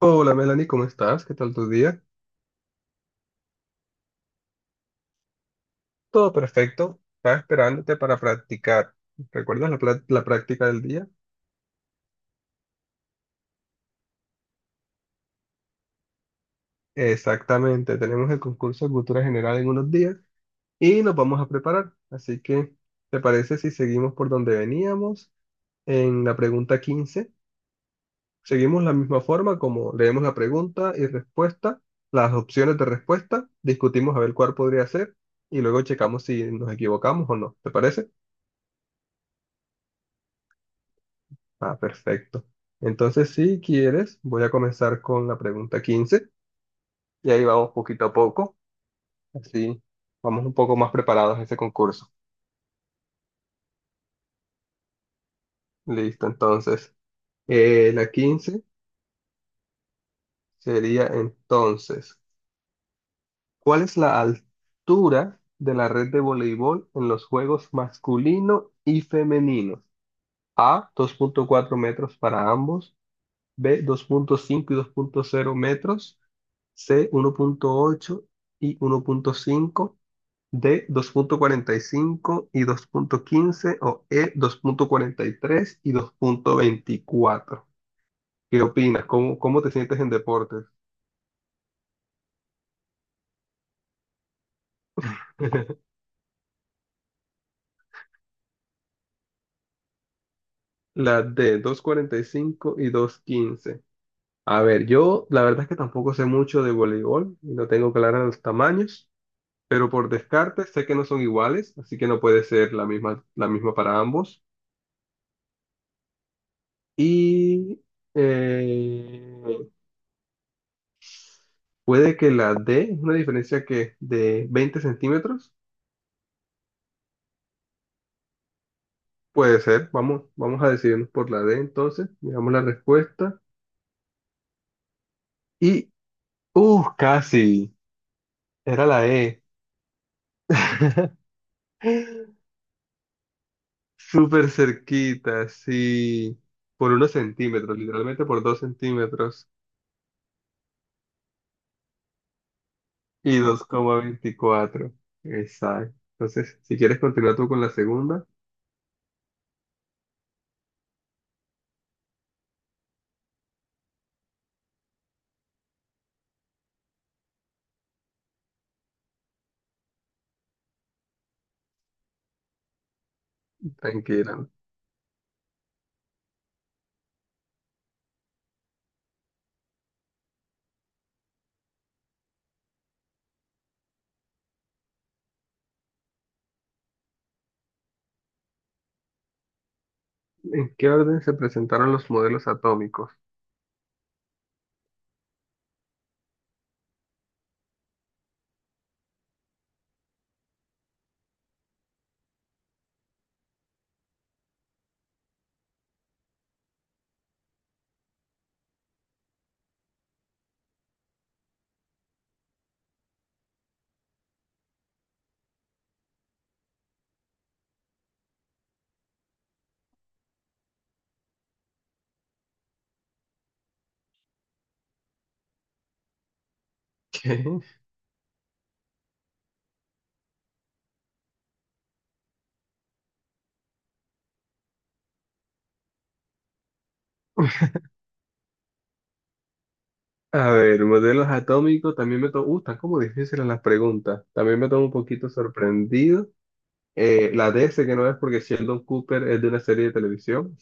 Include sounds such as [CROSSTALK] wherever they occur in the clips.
Hola Melanie, ¿cómo estás? ¿Qué tal tu día? Todo perfecto. Estaba esperándote para practicar. ¿Recuerdas la práctica del día? Exactamente. Tenemos el concurso de cultura general en unos días y nos vamos a preparar. Así que, ¿te parece si seguimos por donde veníamos en la pregunta 15? Seguimos la misma forma como leemos la pregunta y respuesta, las opciones de respuesta, discutimos a ver cuál podría ser y luego checamos si nos equivocamos o no. ¿Te parece? Ah, perfecto. Entonces, si quieres, voy a comenzar con la pregunta 15 y ahí vamos poquito a poco, así vamos un poco más preparados a ese concurso. Listo, entonces, la 15 sería entonces, ¿cuál es la altura de la red de voleibol en los juegos masculino y femenino? A, dos punto cuatro metros para ambos; B, dos punto cinco y dos punto cero metros; C, uno punto ocho y uno punto cinco; D, 2,45 y 2,15; o E, 2,43 y 2,24. ¿Qué opinas? ¿Cómo te sientes en deportes? [LAUGHS] La D, 2,45 y 2,15. A ver, yo la verdad es que tampoco sé mucho de voleibol y no tengo claros los tamaños, pero por descarte sé que no son iguales, así que no puede ser la misma para ambos. Y eh, puede que la D, una diferencia que de 20 centímetros. Puede ser, vamos, vamos a decidirnos por la D entonces, miramos la respuesta. Y casi, era la E. [LAUGHS] Súper cerquita, sí, por unos centímetros, literalmente por dos centímetros y 2,24. Exacto. Entonces, si quieres continuar tú con la segunda, tranquila. ¿En qué orden se presentaron los modelos atómicos? [LAUGHS] ¿Qué? A ver, modelos atómicos, también me tomo, están como difíciles las preguntas, también me tomo un poquito sorprendido. La D sé que no es porque Sheldon Cooper es de una serie de televisión.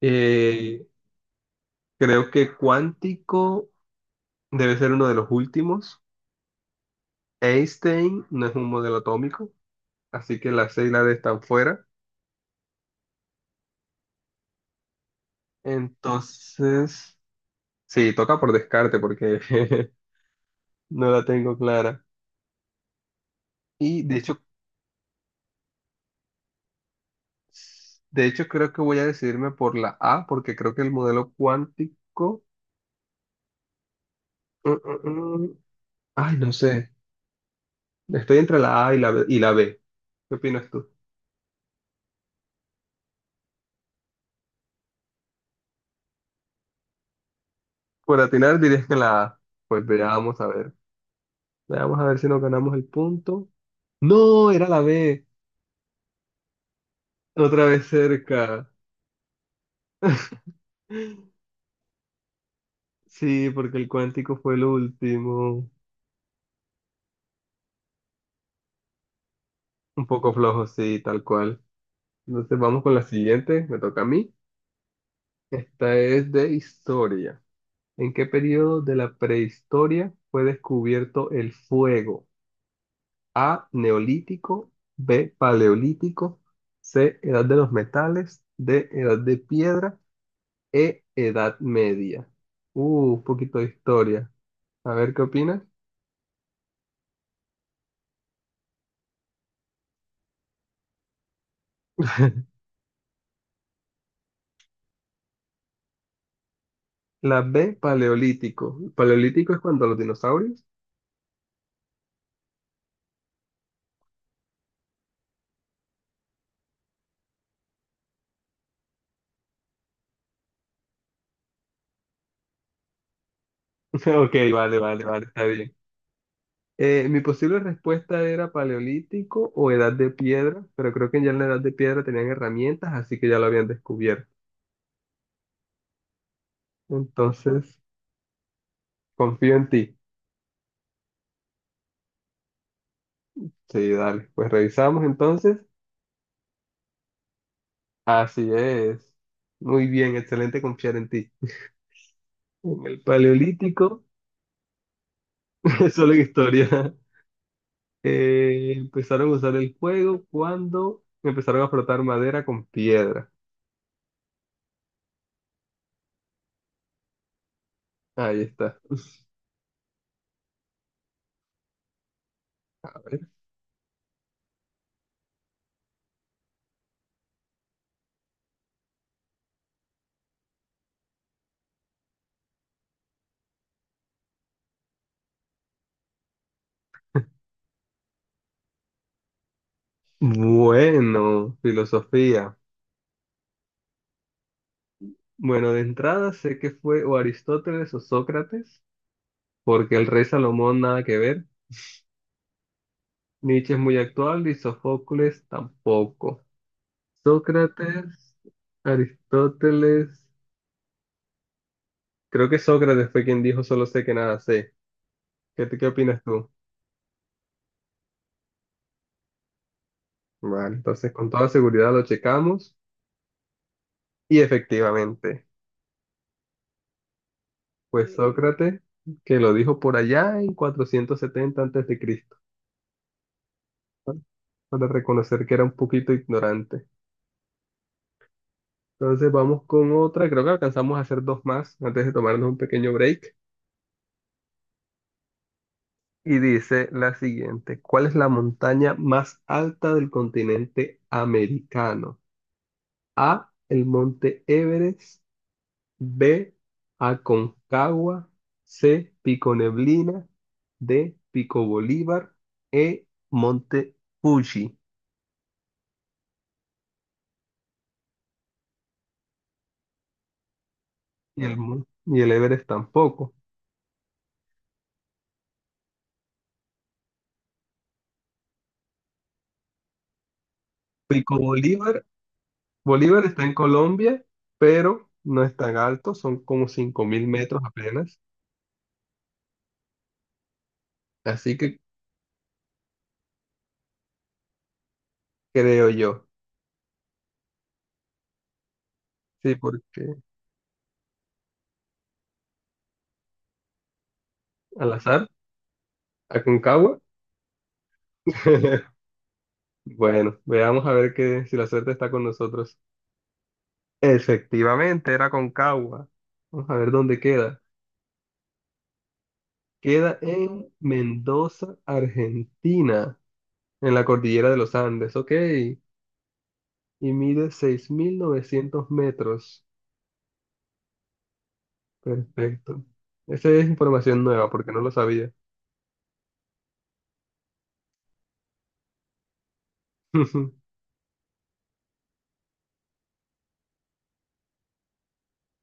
Eh, Creo que cuántico debe ser uno de los últimos. Einstein no es un modelo atómico, así que la C y la D están fuera. Entonces, sí, toca por descarte porque [LAUGHS] no la tengo clara. Y de hecho, de hecho, creo que voy a decidirme por la A, porque creo que el modelo cuántico... mm, mm, mm, Ay, no sé. Estoy entre la A y la B. ¿Qué opinas tú? Por atinar dirías que la A. Pues veamos a ver. Veamos a ver si nos ganamos el punto. No, era la B. Otra vez cerca. [LAUGHS] Sí, porque el cuántico fue el último. Un poco flojo, sí, tal cual. Entonces vamos con la siguiente. Me toca a mí. Esta es de historia. ¿En qué periodo de la prehistoria fue descubierto el fuego? A, neolítico; B, paleolítico; C, edad de los metales; D, edad de piedra; E, edad media. Un poquito de historia. A ver, ¿qué opinas? La B, paleolítico. ¿Paleolítico es cuando los dinosaurios? [LAUGHS] Ok, vale, vale, vale, está bien. Mi posible respuesta era paleolítico o edad de piedra, pero creo que ya en la edad de piedra tenían herramientas, así que ya lo habían descubierto. Entonces, confío en ti. Sí, dale. Pues revisamos entonces. Así es. Muy bien, excelente confiar en ti. En el Paleolítico, [LAUGHS] solo en historia, empezaron a usar el fuego cuando empezaron a frotar madera con piedra. Ahí está. A ver. Bueno, filosofía. Bueno, de entrada sé que fue o Aristóteles o Sócrates, porque el rey Salomón nada que ver. Nietzsche es muy actual y Sófocles tampoco. Sócrates, Aristóteles, creo que Sócrates fue quien dijo solo sé que nada sé. ¿Qué opinas tú? Vale, entonces con toda seguridad lo checamos y efectivamente, pues Sócrates, que lo dijo por allá en 470 antes de Cristo, ¿no?, para reconocer que era un poquito ignorante. Entonces vamos con otra, creo que alcanzamos a hacer dos más antes de tomarnos un pequeño break. Y dice la siguiente, ¿cuál es la montaña más alta del continente americano? A, el monte Everest; B, Aconcagua; C, Pico Neblina; D, Pico Bolívar; E, Monte Fuji. Y el, mon- y el Everest tampoco. Pico Bolívar, Bolívar está en Colombia, pero no es tan alto, son como 5000 metros apenas. Así que creo yo. Sí, porque al azar, Aconcagua. [LAUGHS] Bueno, veamos a ver que, si la suerte está con nosotros. Efectivamente, era Concagua. Vamos a ver dónde queda. Queda en Mendoza, Argentina, en la cordillera de los Andes, ok. Y mide 6900 metros. Perfecto. Esa es información nueva porque no lo sabía. [LAUGHS]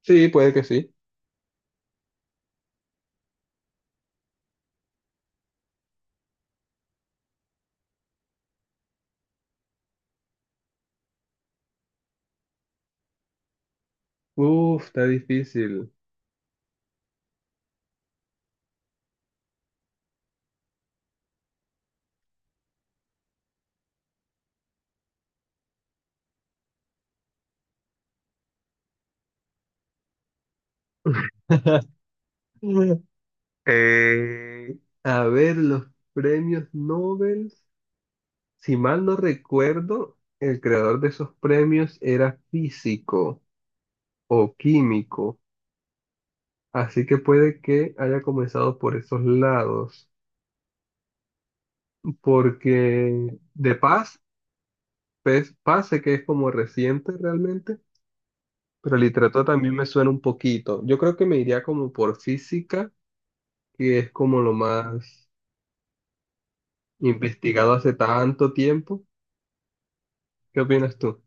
Sí, puede que sí. Uf, está difícil. [LAUGHS] Eh, a ver, los premios Nobel. Si mal no recuerdo, el creador de esos premios era físico o químico, así que puede que haya comenzado por esos lados, porque de Paz, pues, Paz sé que es como reciente realmente, pero literatura también me suena un poquito. Yo creo que me iría como por física, que es como lo más investigado hace tanto tiempo. ¿Qué opinas tú?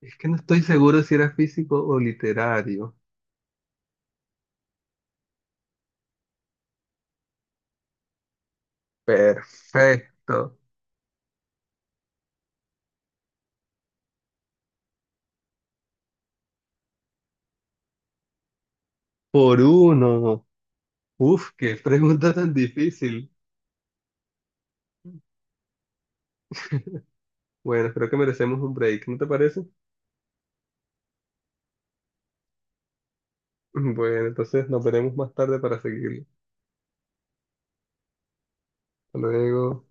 Es que no estoy seguro si era físico o literario. Perfecto. Por uno. Uf, qué pregunta tan difícil. Bueno, creo que merecemos un break, ¿no te parece? [LAUGHS] Bueno, entonces nos veremos más tarde para seguirlo. Hasta luego.